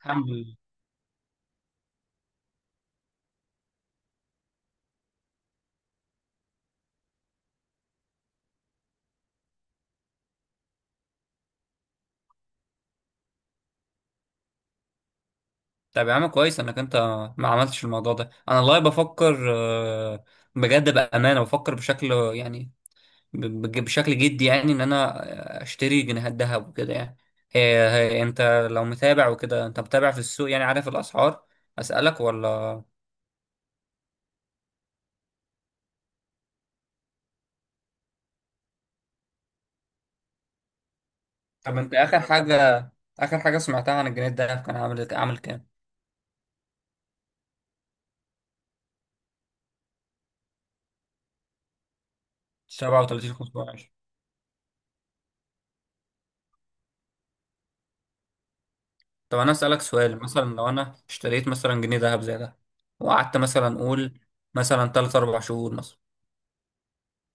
الحمد لله. طب يا عم كويس انك انت ما عملتش الموضوع ده، انا والله بفكر بجد بامانه بفكر بشكل، يعني بشكل جدي، يعني ان انا اشتري جنيهات ذهب وكده. يعني هي انت لو متابع وكده، انت متابع في السوق، يعني عارف الاسعار، اسالك ولا؟ طب انت اخر حاجه، اخر حاجه سمعتها عن الجنيه الذهب، كان عامل كام؟ 37 520؟ طب انا اسالك سؤال، مثلا لو انا اشتريت مثلا جنيه ذهب زي ده، وقعدت مثلا اقول مثلا 3 4 شهور مثلا،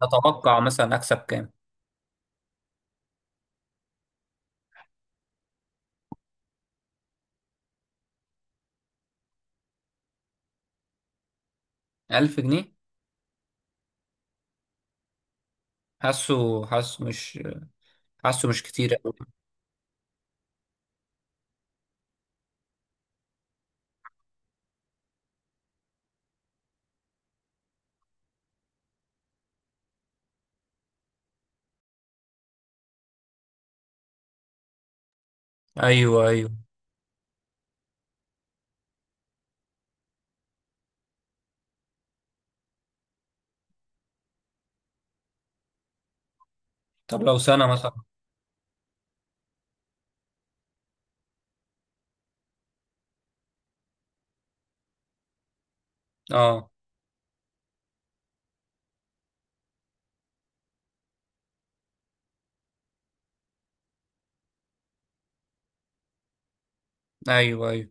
اتوقع مثلا اكسب كام؟ 1000 جنيه؟ حاسه، حاسه مش كتير أوي. ايوه، ايوه. طب لو سنه مثلا؟ اه، ايوه، ايوه.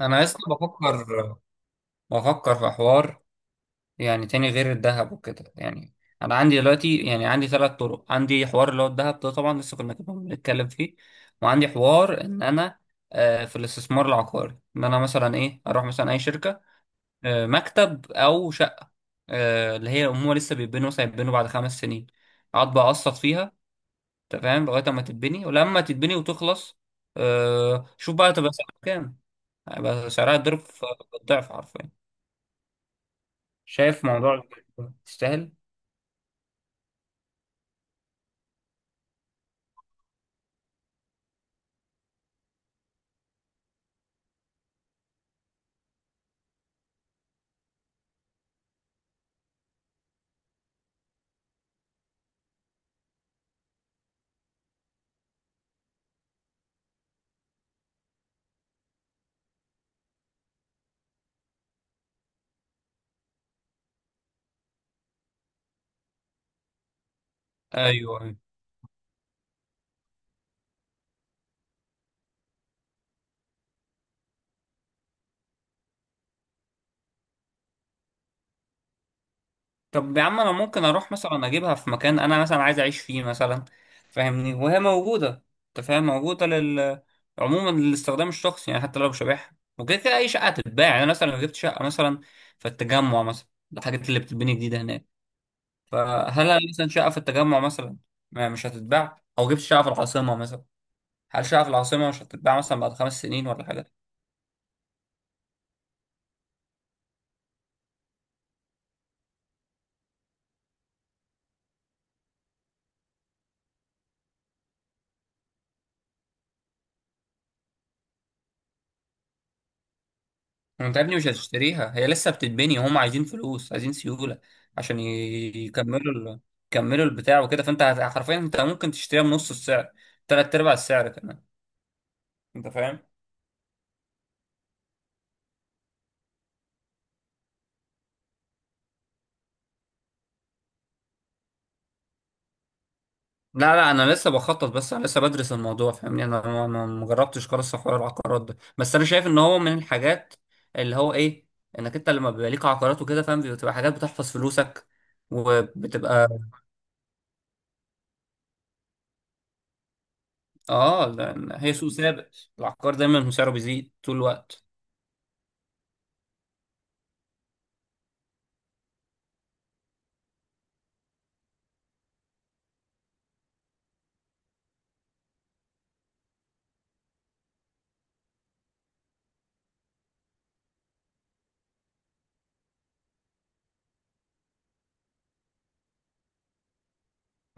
انا لسه بفكر، بفكر في حوار، يعني تاني غير الذهب وكده. يعني انا عندي دلوقتي، يعني عندي ثلاث طرق، عندي حوار اللي هو الذهب ده، طبعا لسه كنا بنتكلم فيه. وعندي حوار ان انا في الاستثمار العقاري، ان انا مثلا ايه، اروح مثلا اي شركة، مكتب او شقة، اللي هي هم لسه بيتبنوا، مثلا هيتبنوا بعد خمس سنين، اقعد بقى اقسط فيها. انت فاهم؟ لغاية اما تتبني، ولما تتبني وتخلص شوف بقى تبقى سعرها كام. هيبقى سعرها ضرب في الضعف حرفيا. شايف موضوع تستاهل؟ ايوه، أيوة. طب يا عم، انا ممكن اروح مثلا اجيبها في مكان انا مثلا عايز اعيش فيه مثلا، فاهمني؟ وهي موجوده، انت فاهم؟ موجوده لل- عموما للاستخدام الشخصي. يعني حتى لو مش هبيعها، وكده كده اي شقه هتتباع. يعني أنا مثلا لو جبت شقه مثلا في التجمع مثلا، الحاجات اللي بتتبني جديده هناك، فهل أنا مثلا شقه في التجمع مثلا ما مش هتتباع؟ او جبت شقه في العاصمه مثلا، هل شقه في العاصمه مش هتتباع مثلا بعد خمس سنين ولا حاجه؟ ما انت يا ابني مش هتشتريها، هي لسه بتتبني، هم عايزين فلوس، عايزين سيولة عشان ي- يكملوا ال... يكملوا البتاع وكده. فانت هت- حرفيا انت ممكن تشتريها بنص السعر، تلات ارباع السعر كمان، انت فاهم؟ لا لا، انا لسه بخطط، بس انا لسه بدرس الموضوع، فاهمني؟ انا ما جربتش خالص حوار العقارات ده، بس انا شايف ان هو من الحاجات اللي هو ايه، انك انت لما بيبقى ليك عقارات وكده، فاهم، بتبقى حاجات بتحفظ فلوسك وبتبقى. اه، لأن هي سوق ثابت، العقار دايما سعره بيزيد طول الوقت.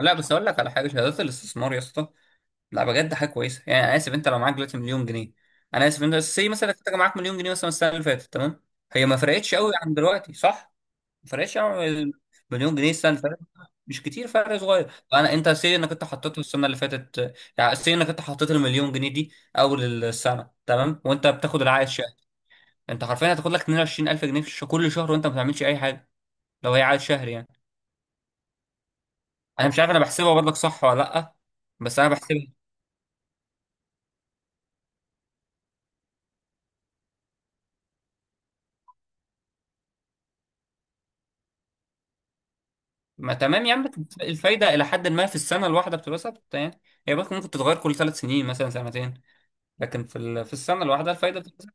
لا، بس اقول لك على حاجه، شهادات الاستثمار يا اسطى، لا بجد حاجه كويسه. يعني انا اسف، انت لو معاك دلوقتي مليون جنيه، انا اسف، انت سي مثلا كنت معاك مليون جنيه مثلا السنه اللي فاتت، تمام؟ هي ما فرقتش قوي عن دلوقتي، صح؟ ما فرقتش قوي عن ال- مليون جنيه السنه اللي فاتت، مش كتير فرق، صغير. انا انت سي انك انت حطيت السنه اللي فاتت، يعني سي انك انت حطيت المليون جنيه دي اول السنه، تمام؟ وانت بتاخد العائد شهري، انت حرفيا هتاخد لك 22000 جنيه في الش- كل شهر، وانت ما بتعملش اي حاجه، لو هي عائد شهري يعني. انا مش عارف، انا بحسبها برضك صح ولا لا؟ بس انا بحسبها. ما تمام يا عم. الفايدة إلى حد ما في السنة الواحدة بتبقى ثابتة يعني، هي بس ممكن تتغير كل ثلاث سنين مثلا، سنتين، لكن في ال- في السنة الواحدة الفايدة بتبقى ثابتة.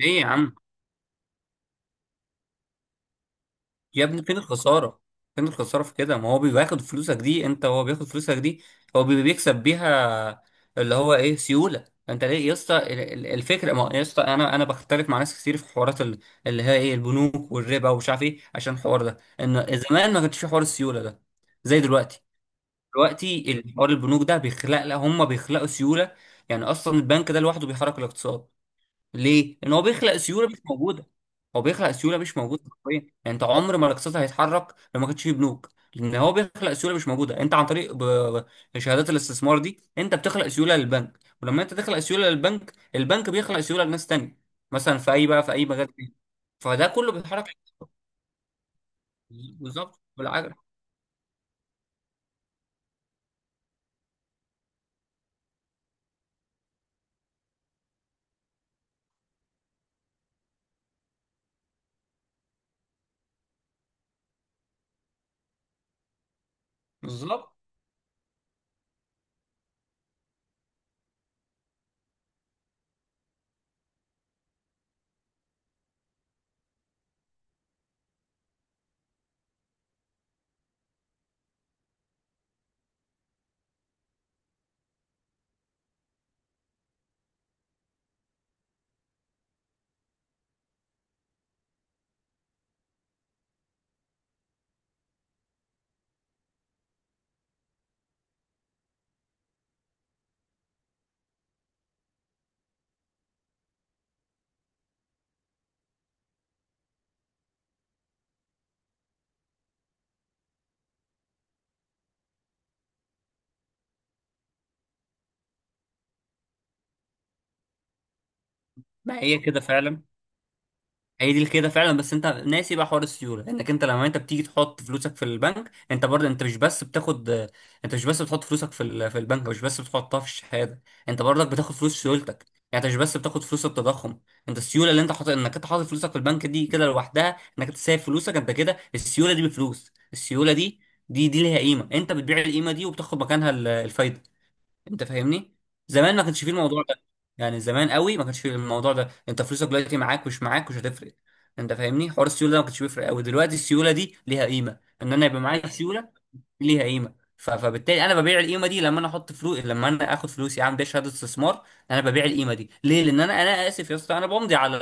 ليه يا عم؟ يا ابني فين الخسارة؟ فين الخسارة في كده؟ ما هو بياخد فلوسك دي، أنت هو بياخد فلوسك دي، هو بيكسب بيها، اللي هو إيه، سيولة. أنت ليه يا اسطى ال- ال- الفكرة، ما هو يا اسطى أنا بختلف مع ناس كتير في حوارات ال- اللي هي إيه، البنوك والربا ومش عارف إيه، عشان الحوار ده، إن زمان ما كانش في حوار السيولة ده زي دلوقتي. دلوقتي الحوار البنوك ده بيخلق، لا هم بيخلقوا سيوله، يعني اصلا البنك ده لوحده بيحرك الاقتصاد. ليه؟ لان هو بيخلق سيوله مش موجوده، هو بيخلق سيوله مش موجوده حرفيا. يعني انت عمر ما الاقتصاد هيتحرك لو ما كانش فيه بنوك، لان هو بيخلق سيوله مش موجوده. انت عن طريق شهادات الاستثمار دي، انت بتخلق سيوله للبنك، ولما انت تخلق سيوله للبنك، البنك بيخلق سيوله لناس تانية، مثلا في اي بقى، في اي مجال تاني، فده كله بيتحرك. بالظبط، بالعجل، بالظبط. ما هي كده فعلا، هي دي كده فعلا، بس انت ناسي بقى حوار السيوله، انك انت لما انت بتيجي تحط فلوسك في البنك، انت برضه انت مش بس بتاخد، انت مش بس بتحط فلوسك في ال- في البنك، مش بس بتحطها في الشهاده، انت برضك بتاخد فلوس سيولتك. يعني انت مش بس بتاخد فلوس التضخم، انت السيوله اللي انت حاطط، انك انت حاطط فلوسك في البنك دي كده لوحدها، انك انت سايب فلوسك انت كده، السيوله دي، بفلوس السيوله دي، دي ليها قيمه. انت بتبيع القيمه دي وبتاخد مكانها ال- الفايده، انت فاهمني؟ زمان ما كانش فيه الموضوع ده، يعني زمان قوي ما كانش فيه الموضوع ده، انت فلوسك دلوقتي معاك مش معاك مش هتفرق، انت فاهمني؟ حوار السيوله ده ما كانش بيفرق قوي. دلوقتي السيوله دي ليها قيمه، ان انا يبقى معايا سيوله ليها قيمه، ف- فبالتالي انا ببيع القيمه دي. لما انا احط فلوس، لما انا اخد فلوسي اعمل بيها شهاده استثمار، انا ببيع القيمه دي. ليه؟ لان انا، انا اسف يا اسطى، انا بمضي على،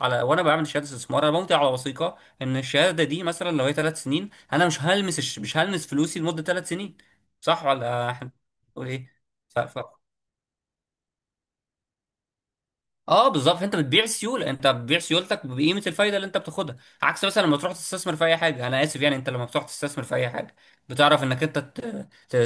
على وانا بعمل شهاده استثمار انا بمضي على وثيقه ان الشهاده دي، مثلا لو هي ثلاث سنين، انا مش هلمس الش- مش هلمس فلوسي لمده ثلاث سنين، صح ولا احنا بنقول ايه؟ ف- ف- اه بالظبط، انت بتبيع سيوله، انت بتبيع سيولتك بقيمه الفايده اللي انت بتاخدها. عكس مثلا لما تروح تستثمر في اي حاجه، انا اسف يعني، انت لما بتروح تستثمر في اي حاجه، بتعرف انك ت...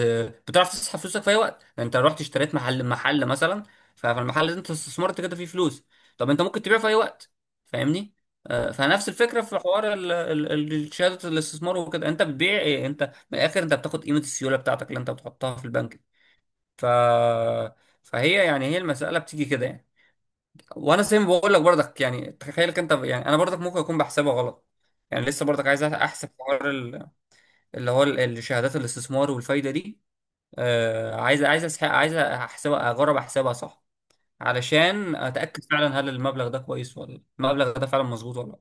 بتعرف تسحب فلوسك في اي وقت. يعني انت رحت اشتريت محل مثلا، فالمحل ده انت استثمرت كده فيه فلوس، طب انت ممكن تبيعه في اي وقت، فاهمني؟ فنفس الفكره في حوار ال- شهاده الاستثمار وكده، انت بتبيع ايه انت، من الاخر انت بتاخد قيمه السيوله بتاعتك اللي انت بتحطها في البنك. ف... فهي يعني هي المساله بتيجي كده يعني. وانا زي ما بقول لك برضك، يعني تخيلك انت، يعني انا برضك ممكن اكون بحسبها غلط. يعني لسه برضك عايز احسب حوار ال- اللي هو ال- الشهادات الاستثمار والفايده دي، آه عايز، عايز احسبها، اجرب احسبها صح، علشان اتاكد فعلا هل المبلغ ده كويس، ولا المبلغ ده فعلا مظبوط ولا لا.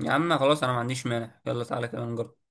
يا عم خلاص، انا ما عنديش مانع، يلا تعالى كده نجرب.